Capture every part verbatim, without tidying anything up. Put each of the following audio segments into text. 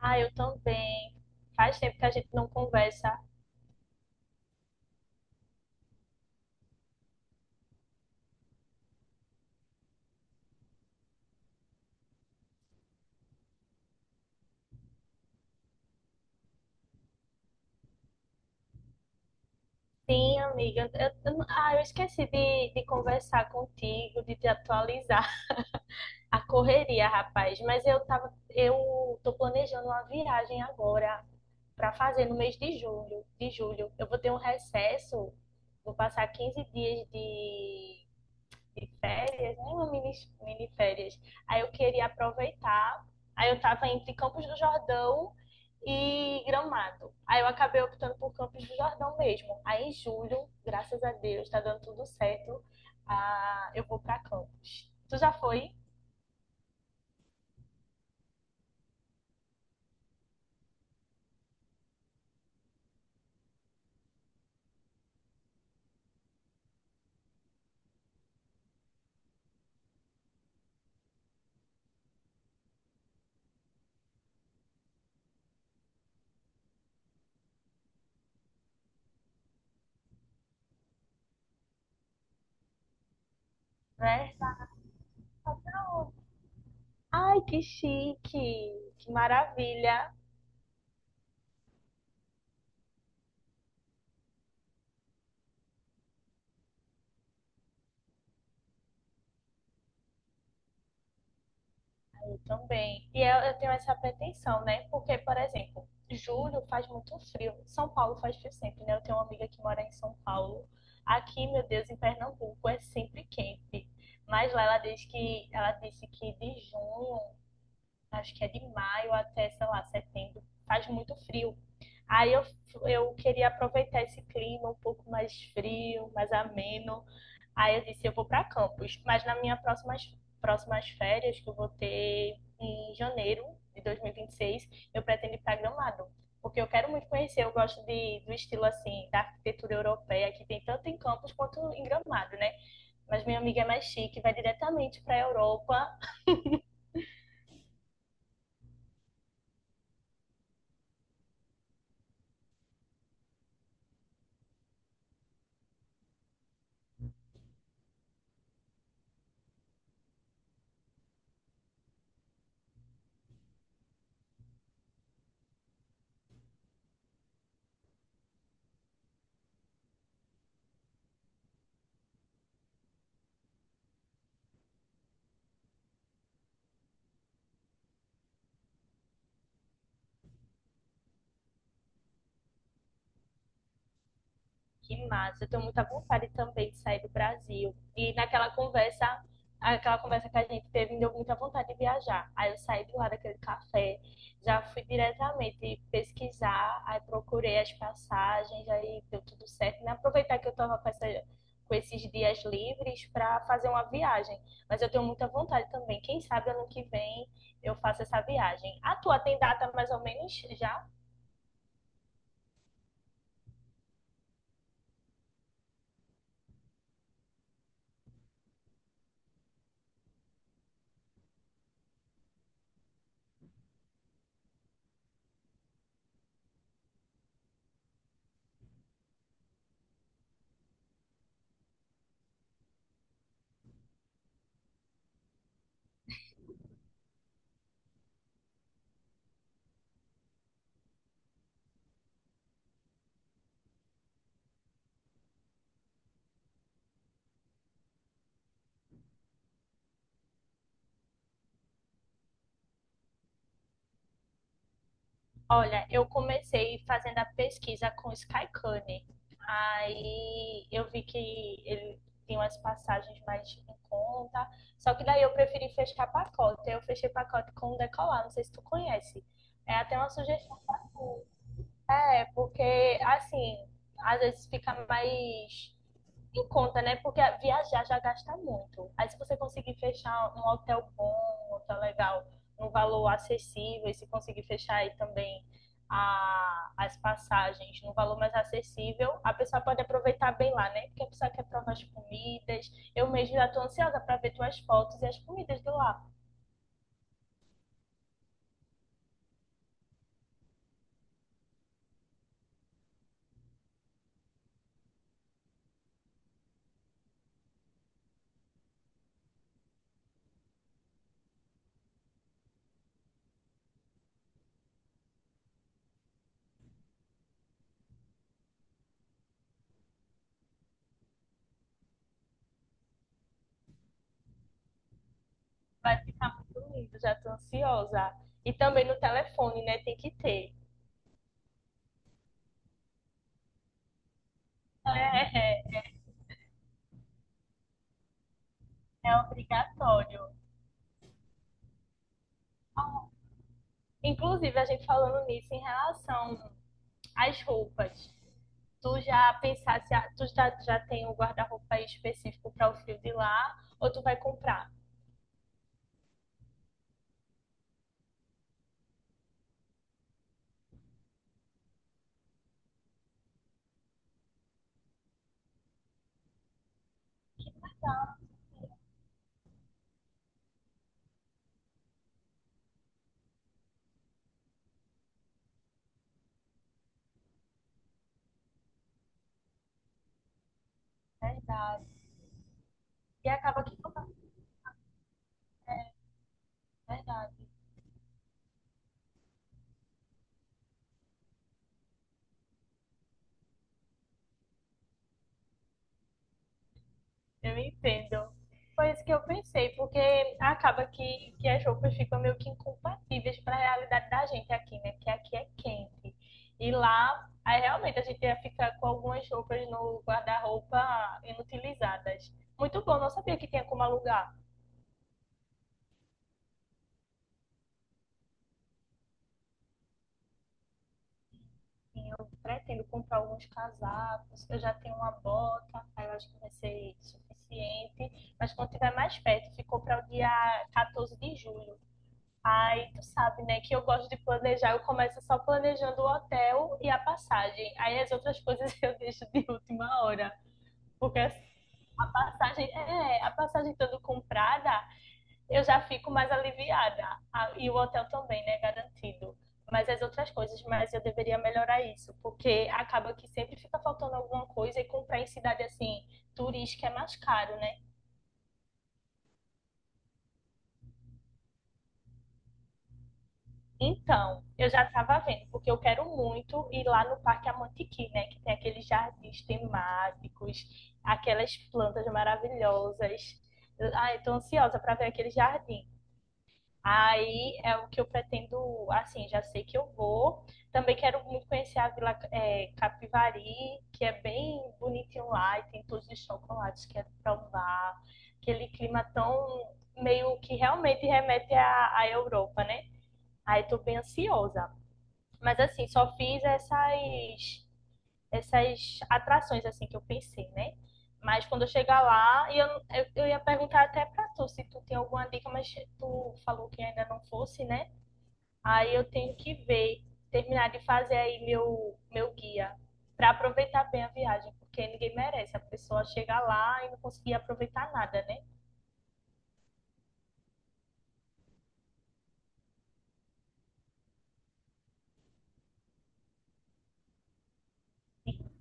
Ah, eu também. Faz tempo que a gente não conversa. Sim, amiga. Eu- eu- ah, eu esqueci de, de conversar contigo, de te atualizar. A correria, rapaz. Mas eu tava, eu tô planejando uma viagem agora para fazer no mês de julho, de julho. Eu vou ter um recesso, vou passar quinze dias de de férias, né? Uma mini, mini férias. Aí eu queria aproveitar. Aí eu tava entre Campos do Jordão e Gramado. Aí eu acabei optando por Campos do Jordão mesmo. Aí em julho, graças a Deus, tá dando tudo certo. Ah, eu vou pra Campos. Tu já foi, né? Ai, que chique! Que maravilha! Também. E eu, eu tenho essa pretensão, né? Porque, por exemplo, julho faz muito frio. São Paulo faz frio sempre, né? Eu tenho uma amiga que mora em São Paulo. Aqui, meu Deus, em Pernambuco é sempre quente. Mas lá ela diz que ela disse que de junho, acho que é de maio até, sei lá, setembro, faz muito frio. Aí eu, eu queria aproveitar esse clima um pouco mais frio, mais ameno. Aí eu disse, eu vou para Campos, mas nas minhas próximas, próximas férias, que eu vou ter em janeiro de dois mil e vinte e seis, eu pretendo ir para Gramado, porque eu quero muito conhecer, eu gosto de, do estilo assim, da arquitetura europeia, que tem tanto em Campos quanto em Gramado, né? Mas minha amiga é mais chique, vai diretamente para a Europa. Que massa, eu tenho muita vontade também de sair do Brasil. E naquela conversa, aquela conversa que a gente teve, me deu muita vontade de viajar. Aí eu saí de lá daquele café, já fui diretamente pesquisar, aí procurei as passagens, aí deu tudo certo. E aproveitar que eu estava com, essa... com esses dias livres para fazer uma viagem. Mas eu tenho muita vontade também. Quem sabe ano que vem eu faço essa viagem. A tua tem data mais ou menos já? Olha, eu comecei fazendo a pesquisa com o Skycane. Aí eu vi que ele tem umas passagens mais em conta. Só que daí eu preferi fechar pacote. Eu fechei pacote com o Decolar, não sei se tu conhece. É até uma sugestão. É, porque assim, às vezes fica mais em conta, né? Porque viajar já gasta muito. Aí se você conseguir fechar um hotel bom, um hotel legal, num valor acessível, e se conseguir fechar aí também a, as passagens num valor mais acessível, a pessoa pode aproveitar bem lá, né? Porque a pessoa quer provar as comidas. Eu mesmo já tô ansiosa para ver tuas fotos e as comidas de lá. Vai ficar muito lindo, já tô ansiosa. E também no telefone, né? Tem que ter. É, é, é, é obrigatório. Inclusive, a gente falando nisso em relação às roupas. Tu já pensaste, tu já, já tem um guarda-roupa específico para o frio de lá, ou tu vai comprar? Verdade. E acaba que não. É, verdade. Eu entendo. Foi isso que eu pensei, porque acaba que, que as roupas ficam meio que incompatíveis para a realidade da gente aqui, né? Que aqui é quente. E lá, aí realmente a gente ia ficar com algumas roupas no guarda-roupa inutilizadas. Muito bom, não sabia que tinha como alugar. Sim, eu pretendo comprar alguns casacos, eu já tenho uma bota, aí eu acho que vai ser suficiente. Mas quando tiver mais perto, ficou para o dia quatorze de julho. Aí tu sabe, né, que eu gosto de planejar, eu começo só planejando o hotel e a passagem. Aí as outras coisas eu deixo de última hora. Porque assim, a passagem, é, a passagem estando comprada, eu já fico mais aliviada. Ah, e o hotel também, né, garantido. Mas as outras coisas, mas eu deveria melhorar isso, porque acaba que sempre fica faltando alguma coisa e comprar em cidade assim, turística é mais caro, né? Então, eu já estava vendo, porque eu quero muito ir lá no Parque Amantiqui, né? Que tem aqueles jardins temáticos, aquelas plantas maravilhosas. Ah, eu tô ansiosa para ver aquele jardim. Aí é o que eu pretendo, assim, já sei que eu vou. Também quero muito conhecer a Vila eh, Capivari, que é bem bonitinho lá e tem todos os chocolates que quero provar. Aquele clima tão meio que realmente remete à, à Europa, né? Aí tô bem ansiosa. Mas assim, só fiz essas, essas atrações assim que eu pensei, né? Mas quando eu chegar lá, eu, eu, eu ia perguntar até pra tu se tu tem alguma dica, mas tu falou que ainda não fosse, né? Aí eu tenho que ver, terminar de fazer aí meu, meu guia, pra aproveitar bem a viagem, porque ninguém merece a pessoa chegar lá e não conseguir aproveitar nada, né?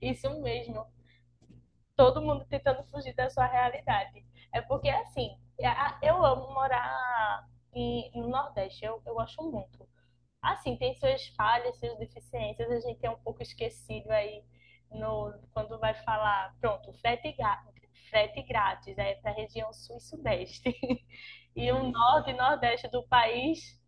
Isso mesmo. Todo mundo tentando fugir da sua realidade. É porque, assim, eu amo morar em, no Nordeste, eu, eu acho muito. Assim, tem suas falhas, suas deficiências, a gente é um pouco esquecido aí no, quando vai falar, pronto, frete, frete grátis, é para a região sul e sudeste. E o norte e nordeste do país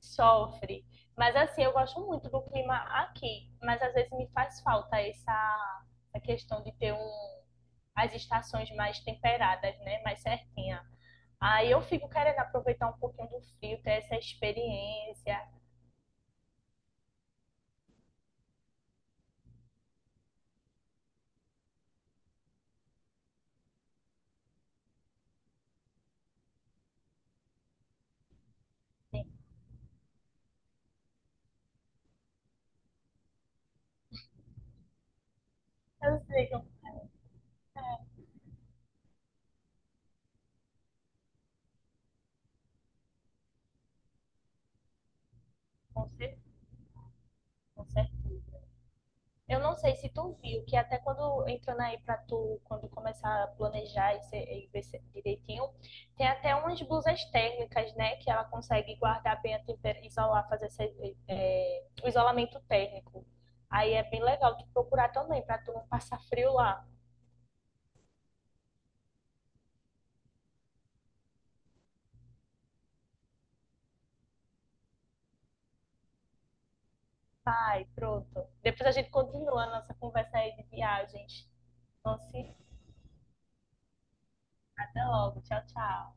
sofre. Mas assim, eu gosto muito do clima aqui, mas às vezes me faz falta essa, essa questão de ter um as estações mais temperadas, né? Mais certinha. Aí eu fico querendo aproveitar um pouquinho do frio, ter essa experiência. Assim. Eu sei, com certeza, com certeza. Eu não sei se tu viu que até quando entrando aí pra tu, quando começar a planejar e, ser, e ver se- direitinho, tem até umas blusas térmicas, né? Que ela consegue guardar bem a temperatura, isolar, fazer esse, é, o isolamento térmico. Aí é bem legal tu procurar também, pra tu não passar frio lá. Vai, pronto. Depois a gente continua a nossa conversa aí de viagens. Então, se até logo. Tchau, tchau.